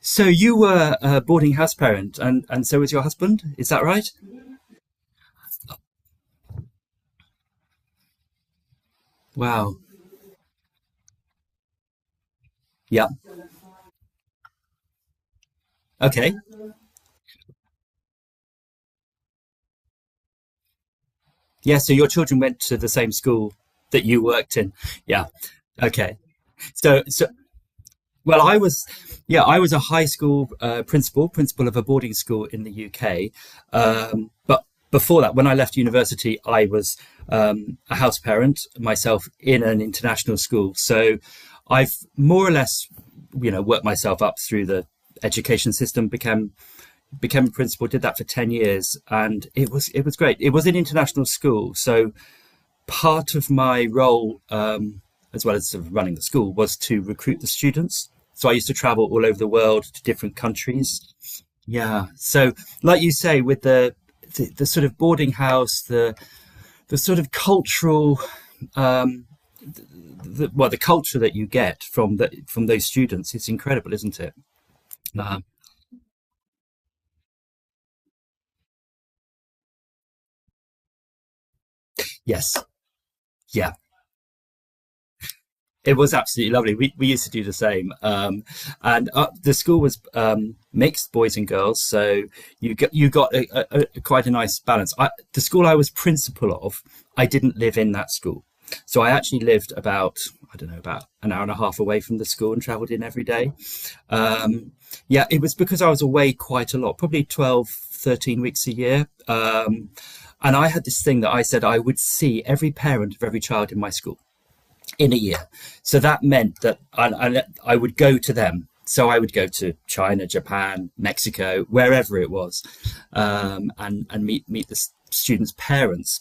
So you were a boarding house parent, and so was your husband. Is that right? Wow. Yeah. Okay. Yeah. So your children went to the same school that you worked in. Yeah. Okay. So so Well, I was, yeah, I was a high school principal of a boarding school in the UK. But before that, when I left university, I was a house parent myself in an international school. So I've more or less, worked myself up through the education system. Became a principal, did that for 10 years, and it was great. It was an international school, so part of my role, as well as sort of running the school, was to recruit the students. So I used to travel all over the world to different countries. Yeah. So, like you say, with the sort of boarding house, the sort of cultural, um, the, well, the culture that you get from the from those students, it's incredible, isn't it? Um, yes. Yeah. It was absolutely lovely. We used to do the same. And the school was mixed boys and girls. So you got quite a nice balance. The school I was principal of, I didn't live in that school. So I actually lived about, I don't know, about an hour and a half away from the school and traveled in every day. Um, yeah, it was because I was away quite a lot, probably 12, 13 weeks a year. And I had this thing that I said I would see every parent of every child in my school in a year. So that meant that I would go to them. So I would go to China, Japan, Mexico, wherever it was, and meet the students' parents.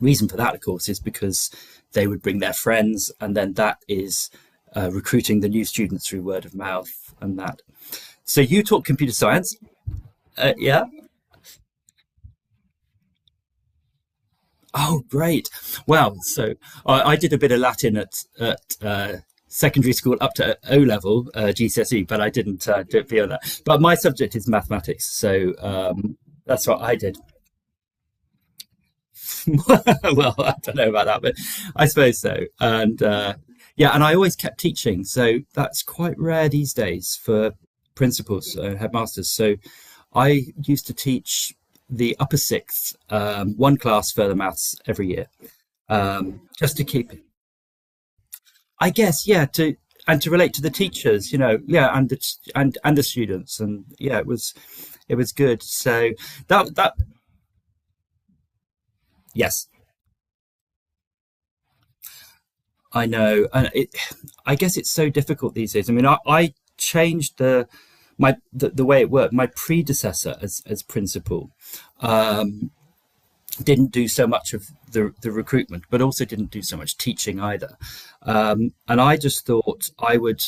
Reason for that, of course, is because they would bring their friends, and then that is recruiting the new students through word of mouth and that. So you taught computer science, yeah? Oh, great. Well, so I did a bit of Latin at secondary school up to O level GCSE, but I didn't do it beyond that. But my subject is mathematics, so that's what I did. Well, I don't know about that, but I suppose so. And yeah, and I always kept teaching, so that's quite rare these days for principals, headmasters. So I used to teach the upper sixth, one class further maths every year just to keep it. I guess, yeah, to and to relate to the teachers, yeah, and the students, and yeah, it was good. So that that yes, I know, and I guess it's so difficult these days. I mean, I changed the way it worked. My predecessor as principal didn't do so much of the recruitment, but also didn't do so much teaching either. And I just thought I would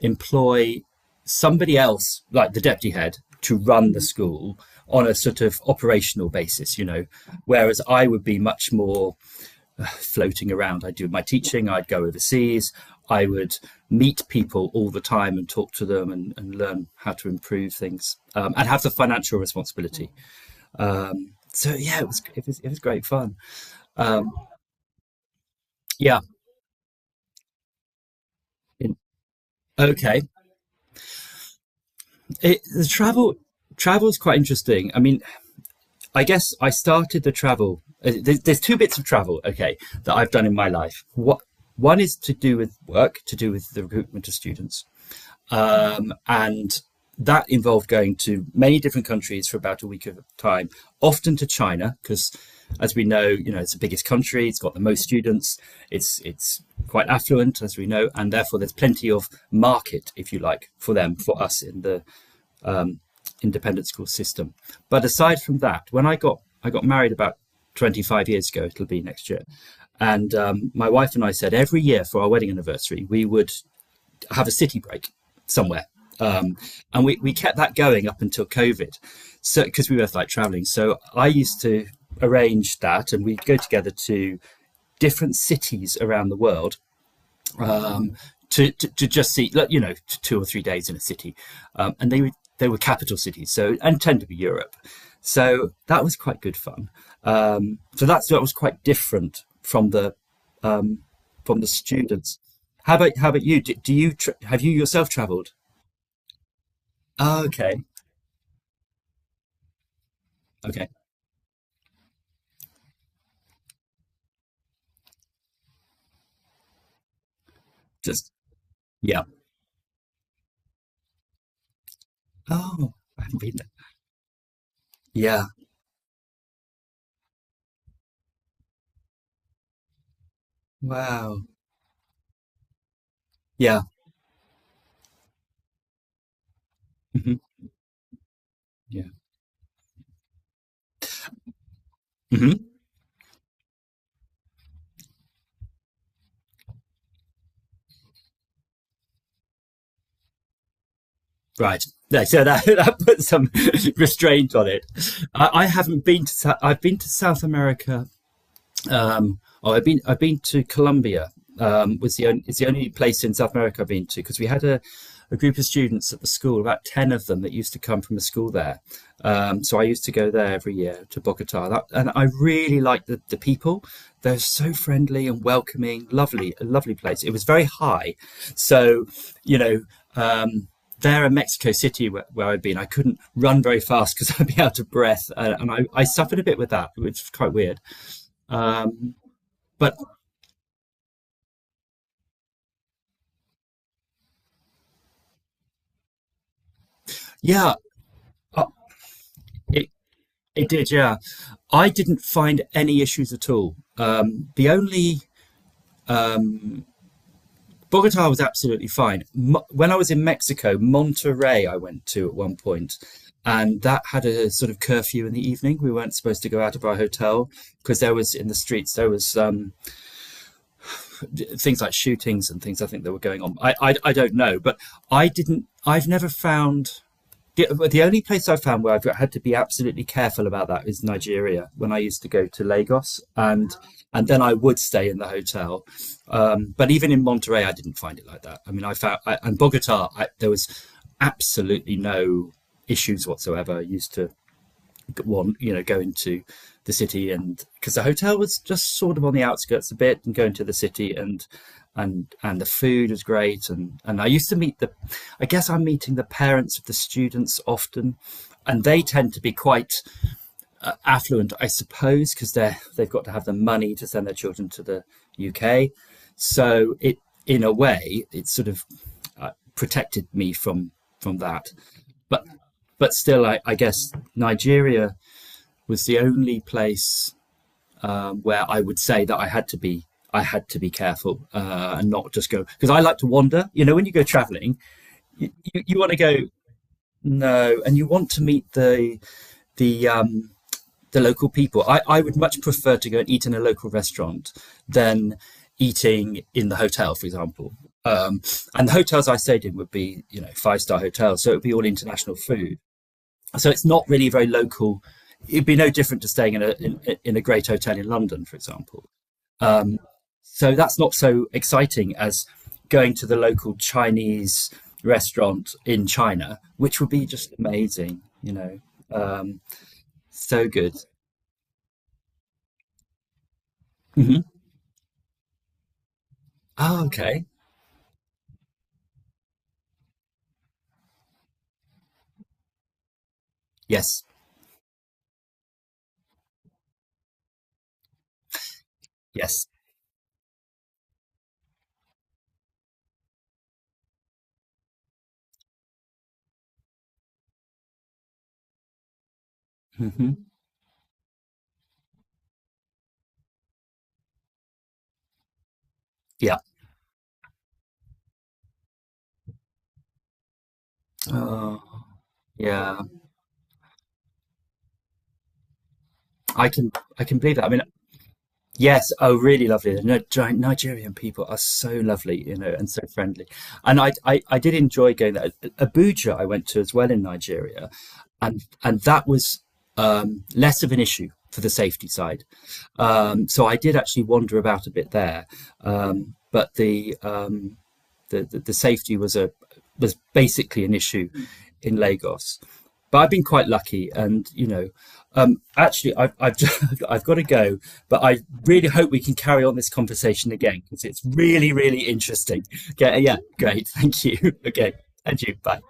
employ somebody else, like the deputy head, to run the school on a sort of operational basis, whereas I would be much more floating around. I'd do my teaching, I'd go overseas, I would meet people all the time and talk to them and learn how to improve things and have the financial responsibility. So yeah, it was great fun. Yeah. Okay. The travel is quite interesting. I mean, I guess I started the travel. There's two bits of travel, okay, that I've done in my life. What One is to do with work, to do with the recruitment of students, and that involved going to many different countries for about a week of time, often to China, because as we know, it's the biggest country, it's got the most students, it's quite affluent, as we know, and therefore there's plenty of market, if you like, for them, for us in the independent school system. But aside from that, when I got married about 25 years ago, it'll be next year, and my wife and I said every year for our wedding anniversary we would have a city break somewhere, um, and we kept that going up until COVID, so because we both like traveling. So I used to arrange that, and we'd go together to different cities around the world um, to just see, like, 2 or 3 days in a city, and they were capital cities, so and tend to be Europe. So that was quite good fun. So that was quite different from the students. How about you? Have you yourself travelled? Oh, okay, just yeah. Oh, I haven't been there. Yeah. Wow. Yeah. Hmm. Yeah. Hmm. Right. Yeah, so that, that puts some restraint on it. I haven't been to I've been to South America oh, I've been to Colombia. It's the only place in South America I've been to because we had a group of students at the school, about ten of them that used to come from a school there. So I used to go there every year to Bogota, and I really liked the people. They're so friendly and welcoming, lovely, a lovely place. It was very high, so you know. Um, there in Mexico City where I'd been, I couldn't run very fast because I'd be out of breath, and I suffered a bit with that, which is quite weird. Um, but yeah, it it did. Yeah, I didn't find any issues at all. The only Bogota was absolutely fine. When I was in Mexico, Monterrey I went to at one point, and that had a sort of curfew in the evening. We weren't supposed to go out of our hotel because there was in the streets there was things like shootings and things. I think that were going on. I don't know, but I didn't. I've never found. The, the only place I found where I've had to be absolutely careful about that is Nigeria. When I used to go to Lagos, and then I would stay in the hotel. But even in Monterey, I didn't find it like that. I mean, I found I, and Bogota, I, there was absolutely no issues whatsoever. I used to go into the city, and because the hotel was just sort of on the outskirts a bit, and go into the city, and and the food was great, and I used to meet I guess I'm meeting the parents of the students often. And they tend to be quite affluent, I suppose, because they've got to have the money to send their children to the UK. So it, in a way, it sort of protected me from that. But but still, I guess Nigeria was the only place where I would say that I had to be careful and not just go because I like to wander. You know, when you go traveling, you want to go, no, and you want to meet the um, the local people. I would much prefer to go and eat in a local restaurant than eating in the hotel, for example. Um, and the hotels I stayed in would be five-star hotels, so it would be all international food. So it's not really very local. It'd be no different to staying in in a great hotel in London, for example. So that's not so exciting as going to the local Chinese restaurant in China, which would be just amazing. Um, so good. Hmm. Oh, okay. Yes. Yes. Hmm. Yeah. Uh, yeah. I can I can believe that. I mean, yes, oh, really lovely. The Nigerian people are so lovely, and so friendly. And I did enjoy going there. Abuja, I went to as well in Nigeria, and that was less of an issue for the safety side. So I did actually wander about a bit there, but the safety was a was basically an issue in Lagos. But I've been quite lucky, actually, I've got to go, but I really hope we can carry on this conversation again because it's really really interesting. Okay, yeah, great, thank you. Okay, and you, bye.